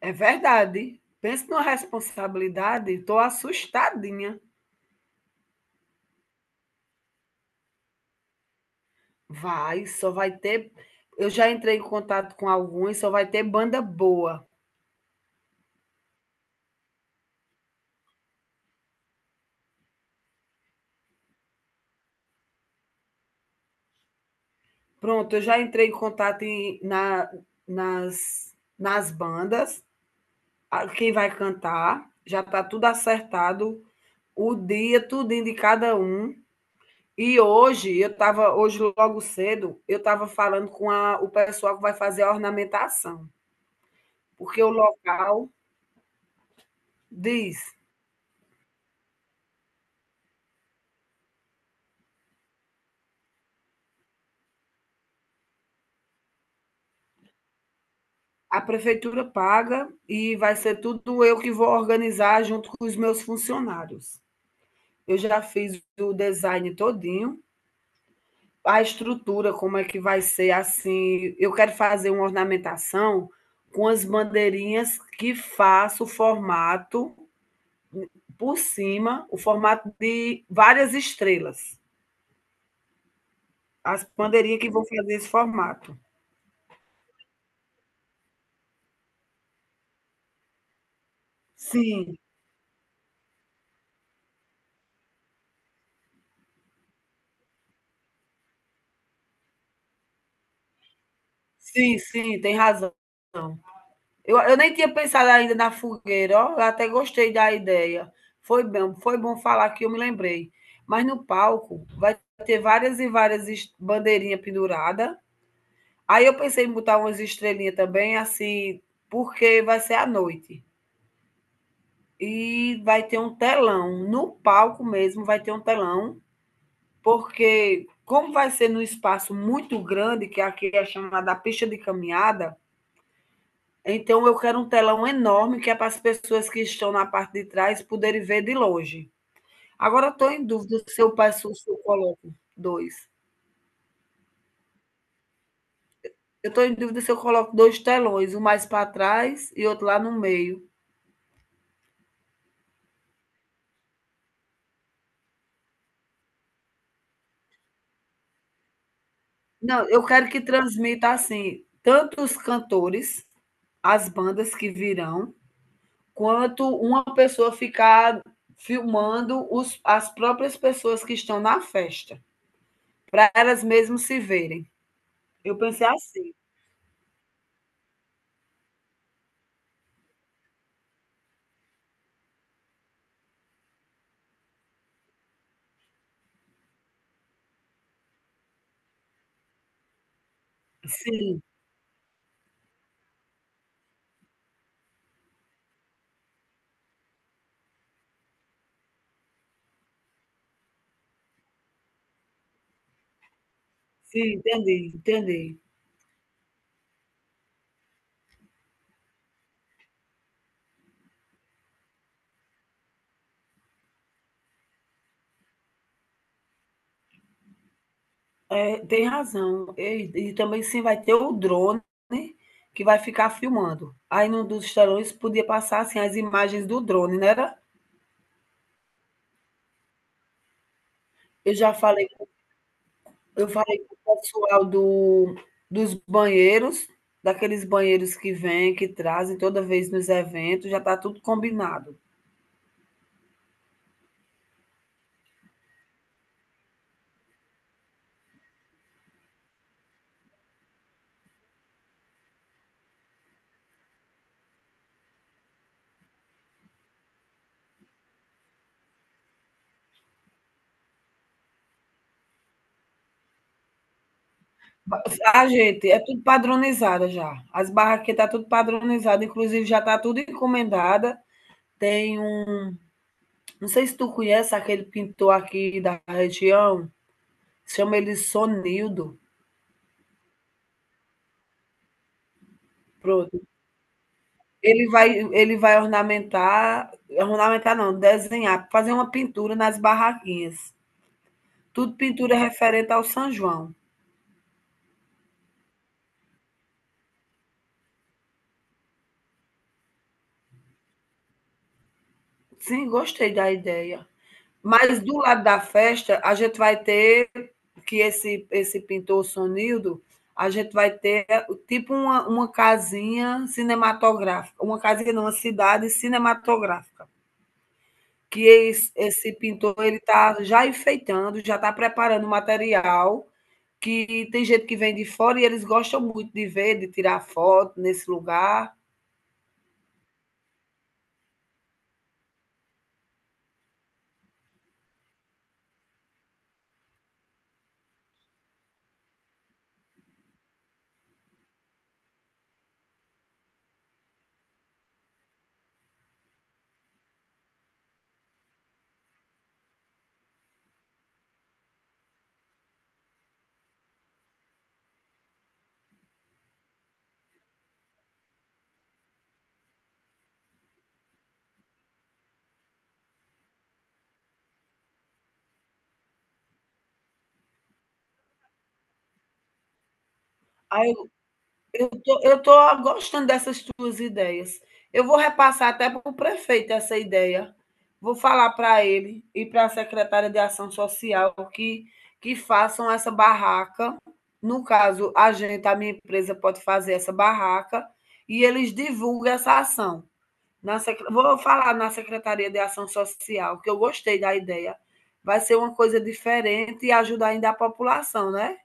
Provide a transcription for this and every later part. É verdade. Pensa numa responsabilidade, estou assustadinha. Vai, só vai ter. Eu já entrei em contato com alguns, só vai ter banda boa. Pronto, eu já entrei em contato nas bandas, quem vai cantar, já está tudo acertado, o dia, tudo de cada um. E hoje, hoje logo cedo, eu estava falando com o pessoal que vai fazer a ornamentação, porque o local diz. A prefeitura paga e vai ser tudo eu que vou organizar junto com os meus funcionários. Eu já fiz o design todinho, a estrutura, como é que vai ser assim. Eu quero fazer uma ornamentação com as bandeirinhas que faço o formato por cima, o formato de várias estrelas. As bandeirinhas que vão fazer esse formato. Sim, sim, sim, tem razão. Eu nem tinha pensado ainda na fogueira, ó, eu até gostei da ideia. Foi bom falar que eu me lembrei. Mas no palco vai ter várias e bandeirinhas penduradas. Aí eu pensei em botar umas estrelinhas também, assim, porque vai ser à noite. E vai ter um telão, no palco mesmo vai ter um telão, porque como vai ser num espaço muito grande, que aqui é chamada pista de caminhada. Então, eu quero um telão enorme que é para as pessoas que estão na parte de trás poderem ver de longe. Agora, eu estou em dúvida se eu peço, se eu coloco dois. Eu estou em dúvida se eu coloco 2 telões, um mais para trás e outro lá no meio. Não, eu quero que transmita assim, tanto os cantores, as bandas que virão, quanto uma pessoa ficar filmando as próprias pessoas que estão na festa, para elas mesmas se verem. Eu pensei assim. Sim. Sim, entendi, entendi. É, tem razão. E também sim vai ter o drone, né, que vai ficar filmando. Aí num dos telões podia passar, assim, as imagens do drone, não era? Eu já falei eu falei com o pessoal do dos banheiros, daqueles banheiros que vêm, que trazem toda vez nos eventos, já está tudo combinado. Ma A gente é tudo padronizada já. As barraquinhas está tudo padronizada, inclusive já está tudo encomendada. Tem um Não sei se tu conhece aquele pintor aqui da região, chama ele Sonildo. Pronto. Ele vai ornamentar ornamentar não, desenhar, fazer uma pintura nas barraquinhas. Tudo pintura referente ao São João. Sim, gostei da ideia. Mas do lado da festa, a gente vai ter que esse pintor Sonildo, a gente vai ter tipo uma casinha não, uma cidade cinematográfica. Que es esse pintor ele está já enfeitando, já está preparando o material, que tem gente que vem de fora e eles gostam muito de ver, de tirar foto nesse lugar. Aí eu tô gostando dessas tuas ideias. Eu vou repassar até para o prefeito essa ideia. Vou falar para ele e para a secretária de ação social que façam essa barraca. No caso, a gente, a minha empresa pode fazer essa barraca e eles divulguem essa ação. Vou falar na Secretaria de Ação Social, que eu gostei da ideia. Vai ser uma coisa diferente e ajudar ainda a população, né?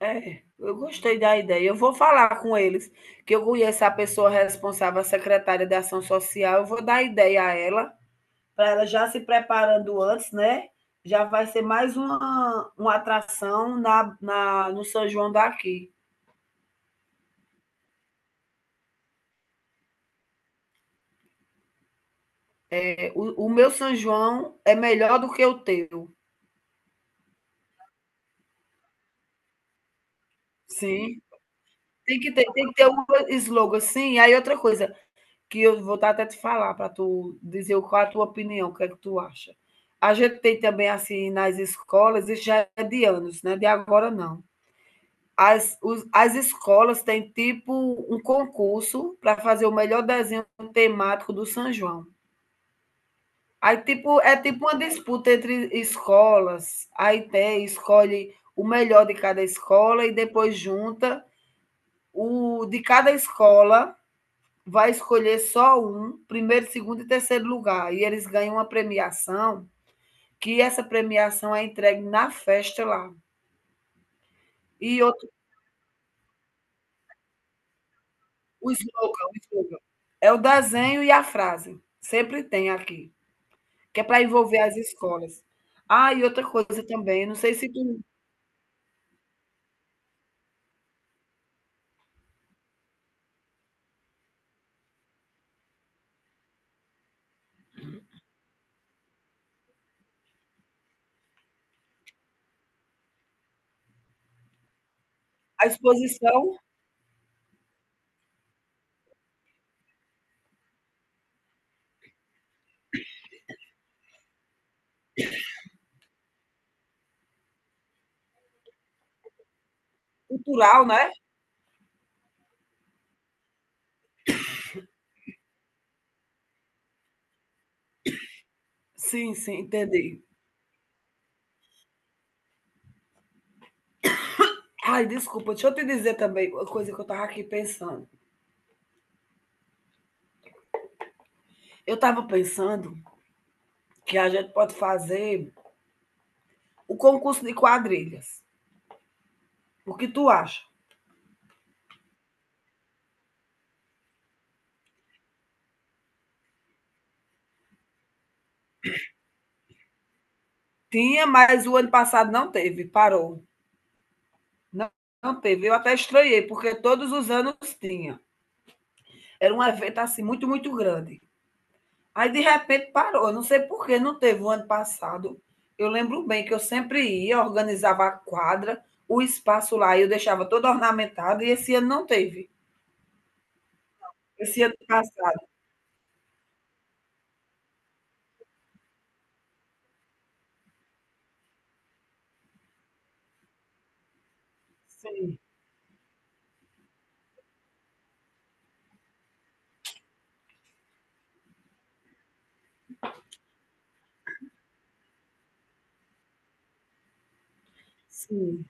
É, eu gostei da ideia. Eu vou falar com eles, que eu conheço a pessoa responsável, a secretária de Ação Social. Eu vou dar ideia a ela, para ela já se preparando antes, né? Já vai ser mais uma atração no São João daqui. É, o meu São João é melhor do que o teu. Sim. Tem que ter um slogan assim. E aí outra coisa que eu vou tá até te falar para tu dizer qual a tua opinião, o que é que tu acha. A gente tem também assim nas escolas, isso já é de anos, né? De agora não. As escolas têm tipo um concurso para fazer o melhor desenho temático do São João. Aí tipo uma disputa entre escolas. Aí tem, escolhe o melhor de cada escola e depois junta o de cada escola, vai escolher só um, primeiro, segundo e terceiro lugar. E eles ganham uma premiação, que essa premiação é entregue na festa lá. E outro, o slogan. É o desenho e a frase. Sempre tem aqui, que é para envolver as escolas. Ah, e outra coisa também, não sei se tu, a exposição cultural, né? Sim, sim, entendi. Ai, desculpa, deixa eu te dizer também uma coisa que eu estava aqui pensando. Eu estava pensando que a gente pode fazer o concurso de quadrilhas. O que tu acha? Tinha, mas o ano passado não teve, parou. Não, não teve. Eu até estranhei, porque todos os anos tinha. Era um evento assim muito, muito grande. Aí de repente parou. Eu não sei por que não teve o ano passado. Eu lembro bem que eu sempre ia, organizava a quadra, o espaço lá, eu deixava todo ornamentado, e esse ano não teve. Esse ano passado. Sim, sim.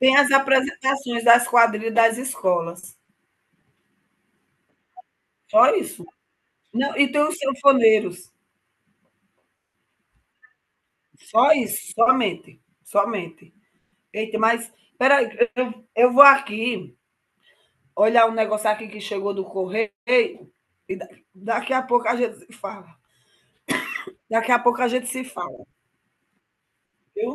Tem as apresentações das quadrilhas das escolas. Só isso. Não, e tem os sanfoneiros. Só isso, somente, somente. Eita, mas peraí, eu vou aqui olhar um negócio aqui que chegou do correio e da- daqui a pouco a gente se fala. Daqui a pouco a gente se fala, viu?